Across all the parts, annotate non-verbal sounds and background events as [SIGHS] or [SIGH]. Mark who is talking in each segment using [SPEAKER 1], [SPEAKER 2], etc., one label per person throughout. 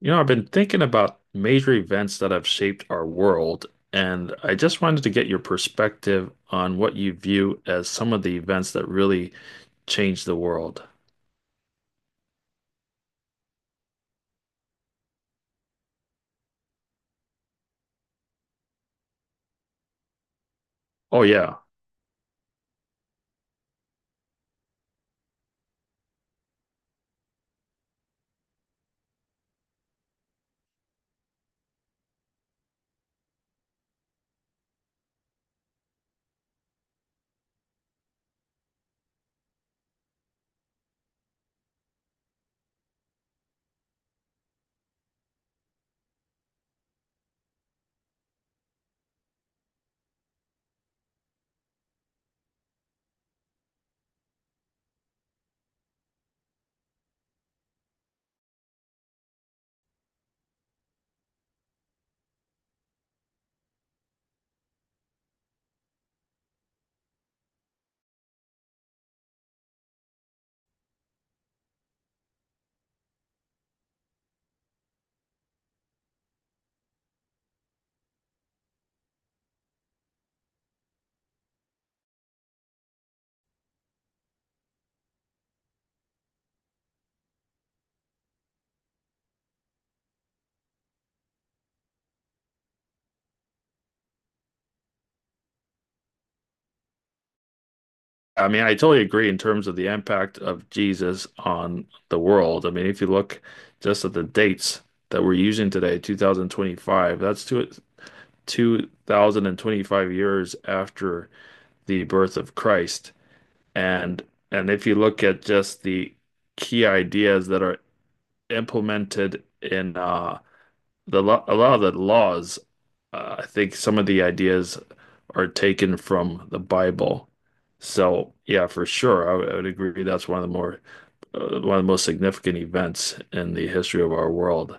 [SPEAKER 1] You know, I've been thinking about major events that have shaped our world, and I just wanted to get your perspective on what you view as some of the events that really changed the world. Oh, yeah. I mean, I totally agree in terms of the impact of Jesus on the world. I mean, if you look just at the dates that we're using today, 2025, 2025 years after the birth of Christ. And and if you look at just the key ideas that are implemented in the lo a lot of the laws, I think some of the ideas are taken from the Bible. So yeah, for sure, I would agree that's one of the more one of the most significant events in the history of our world.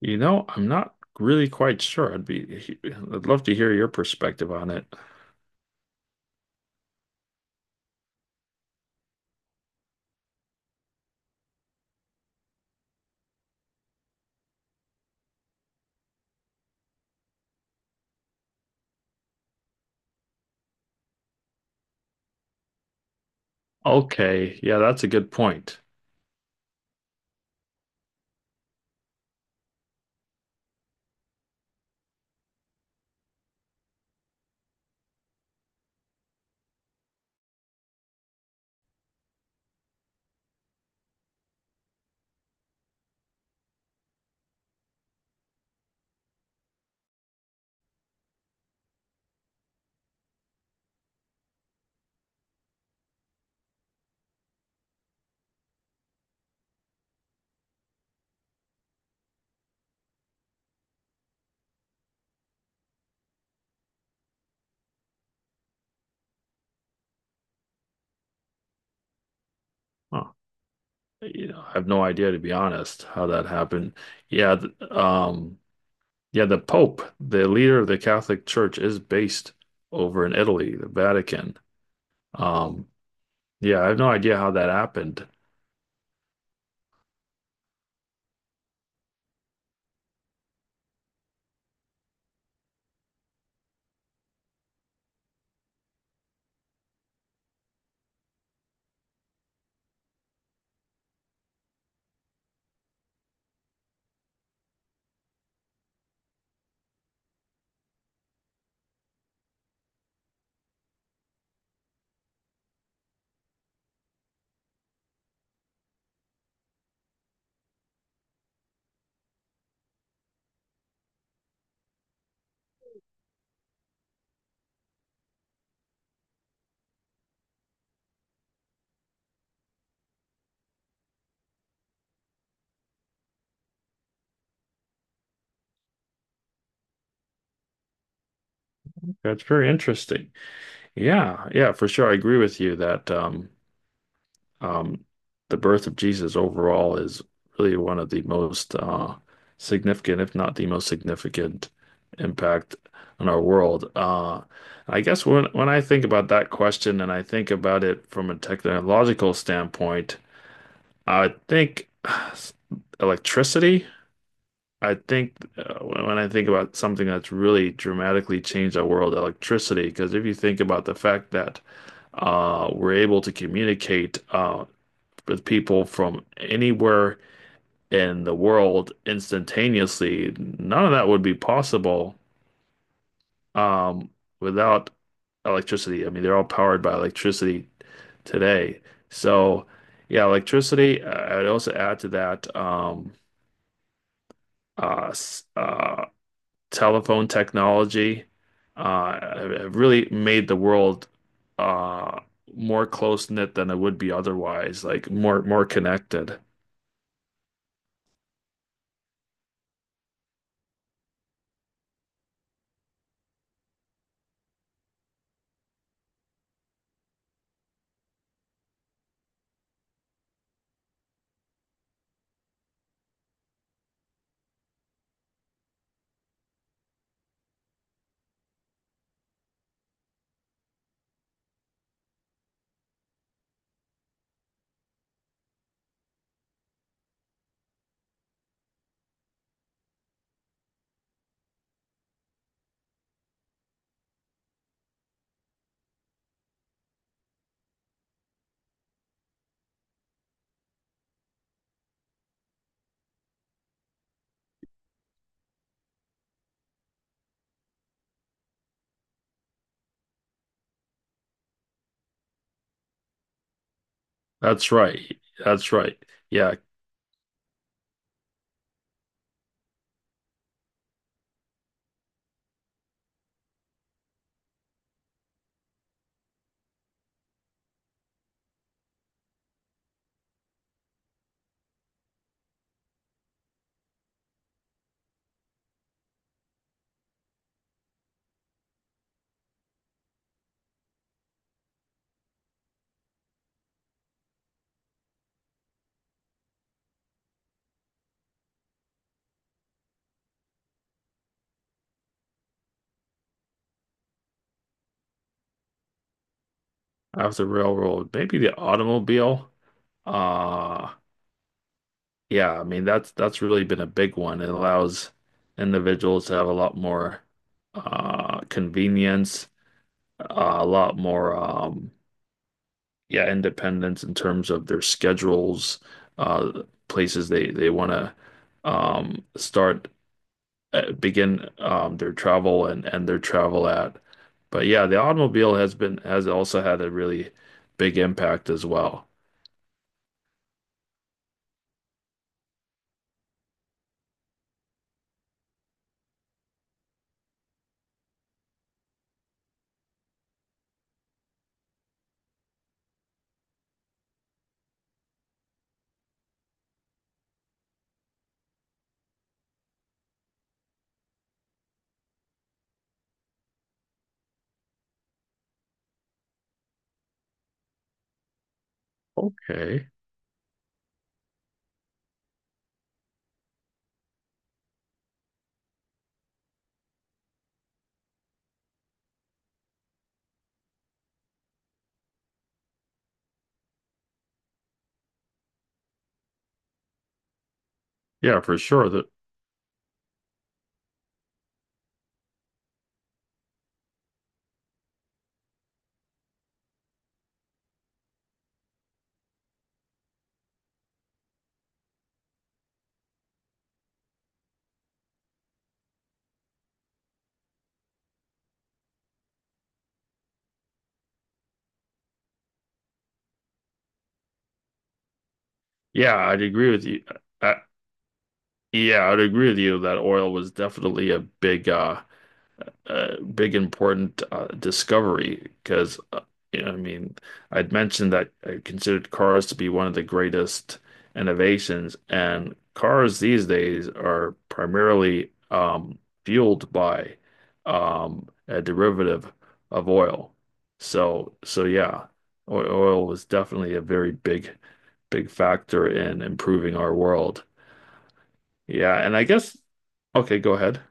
[SPEAKER 1] You know, I'm not really quite sure. I'd love to hear your perspective on it. Okay, yeah, that's a good point. Huh. You know, I have no idea to be honest how that happened. Yeah, th yeah, the Pope, the leader of the Catholic Church, is based over in Italy, the Vatican. Um, yeah, I have no idea how that happened. That's very interesting. Yeah, yeah, for sure. I agree with you that um, the birth of Jesus overall is really one of the most significant, if not the most significant, impact on our world. I guess when I think about that question and I think about it from a technological standpoint, I think [SIGHS] electricity. I think when I think about something that's really dramatically changed our world, electricity, because if you think about the fact that we're able to communicate with people from anywhere in the world instantaneously, none of that would be possible um, without electricity. I mean, they're all powered by electricity today. So, yeah, electricity. I'd also add to that uh, s- uh, telephone technology uh, have really made the world uh, more close knit than it would be otherwise, like more connected. That's right. That's right. Yeah, after railroad, maybe the automobile. Uh, yeah, I mean that's really been a big one. It allows individuals to have a lot more convenience, uh, a lot more yeah, independence in terms of their schedules, places they want to start begin their travel and end their travel at. But yeah, the automobile has been has also had a really big impact as well. Okay. Yeah, for sure. Yeah, I'd agree with you. I, yeah, I'd agree with you that oil was definitely a big big important discovery because you know, I mean I'd mentioned that I considered cars to be one of the greatest innovations, and cars these days are primarily fueled by a derivative of oil. So so yeah, oil was definitely a very big factor in improving our world. Yeah, and I guess okay, go ahead.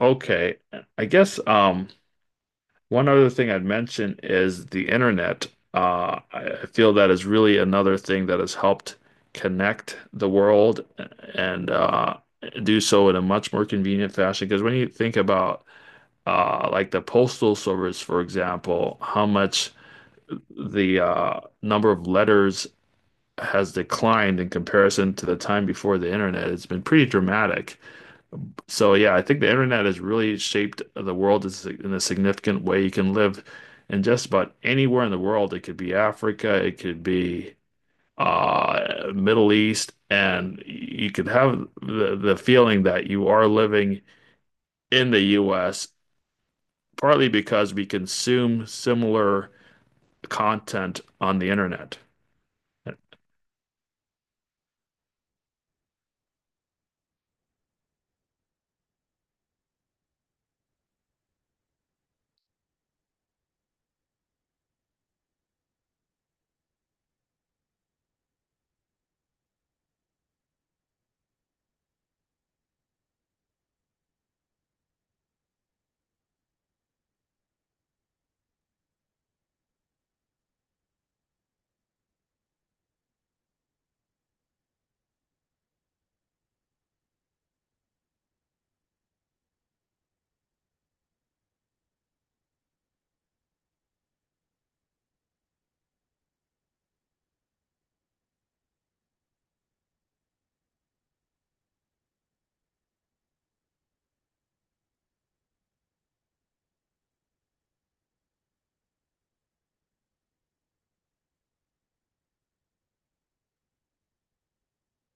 [SPEAKER 1] Okay, I guess one other thing I'd mention is the internet. I feel that is really another thing that has helped connect the world and do so in a much more convenient fashion. Because when you think about like the postal service, for example, how much the number of letters has declined in comparison to the time before the internet, it's been pretty dramatic. So yeah, I think the internet has really shaped the world in a significant way. You can live in just about anywhere in the world. It could be Africa, it could be Middle East, and you could have the feeling that you are living in the US, partly because we consume similar content on the internet.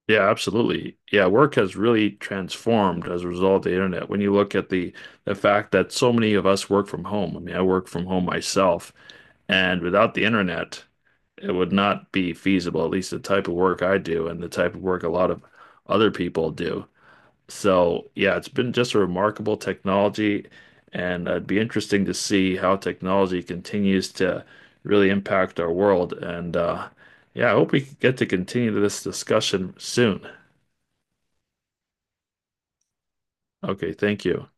[SPEAKER 1] Yeah, absolutely. Yeah, work has really transformed as a result of the internet. When you look at the fact that so many of us work from home. I mean, I work from home myself, and without the internet, it would not be feasible, at least the type of work I do and the type of work a lot of other people do. So, yeah, it's been just a remarkable technology, and it'd be interesting to see how technology continues to really impact our world. And yeah, I hope we get to continue this discussion soon. Okay, thank you.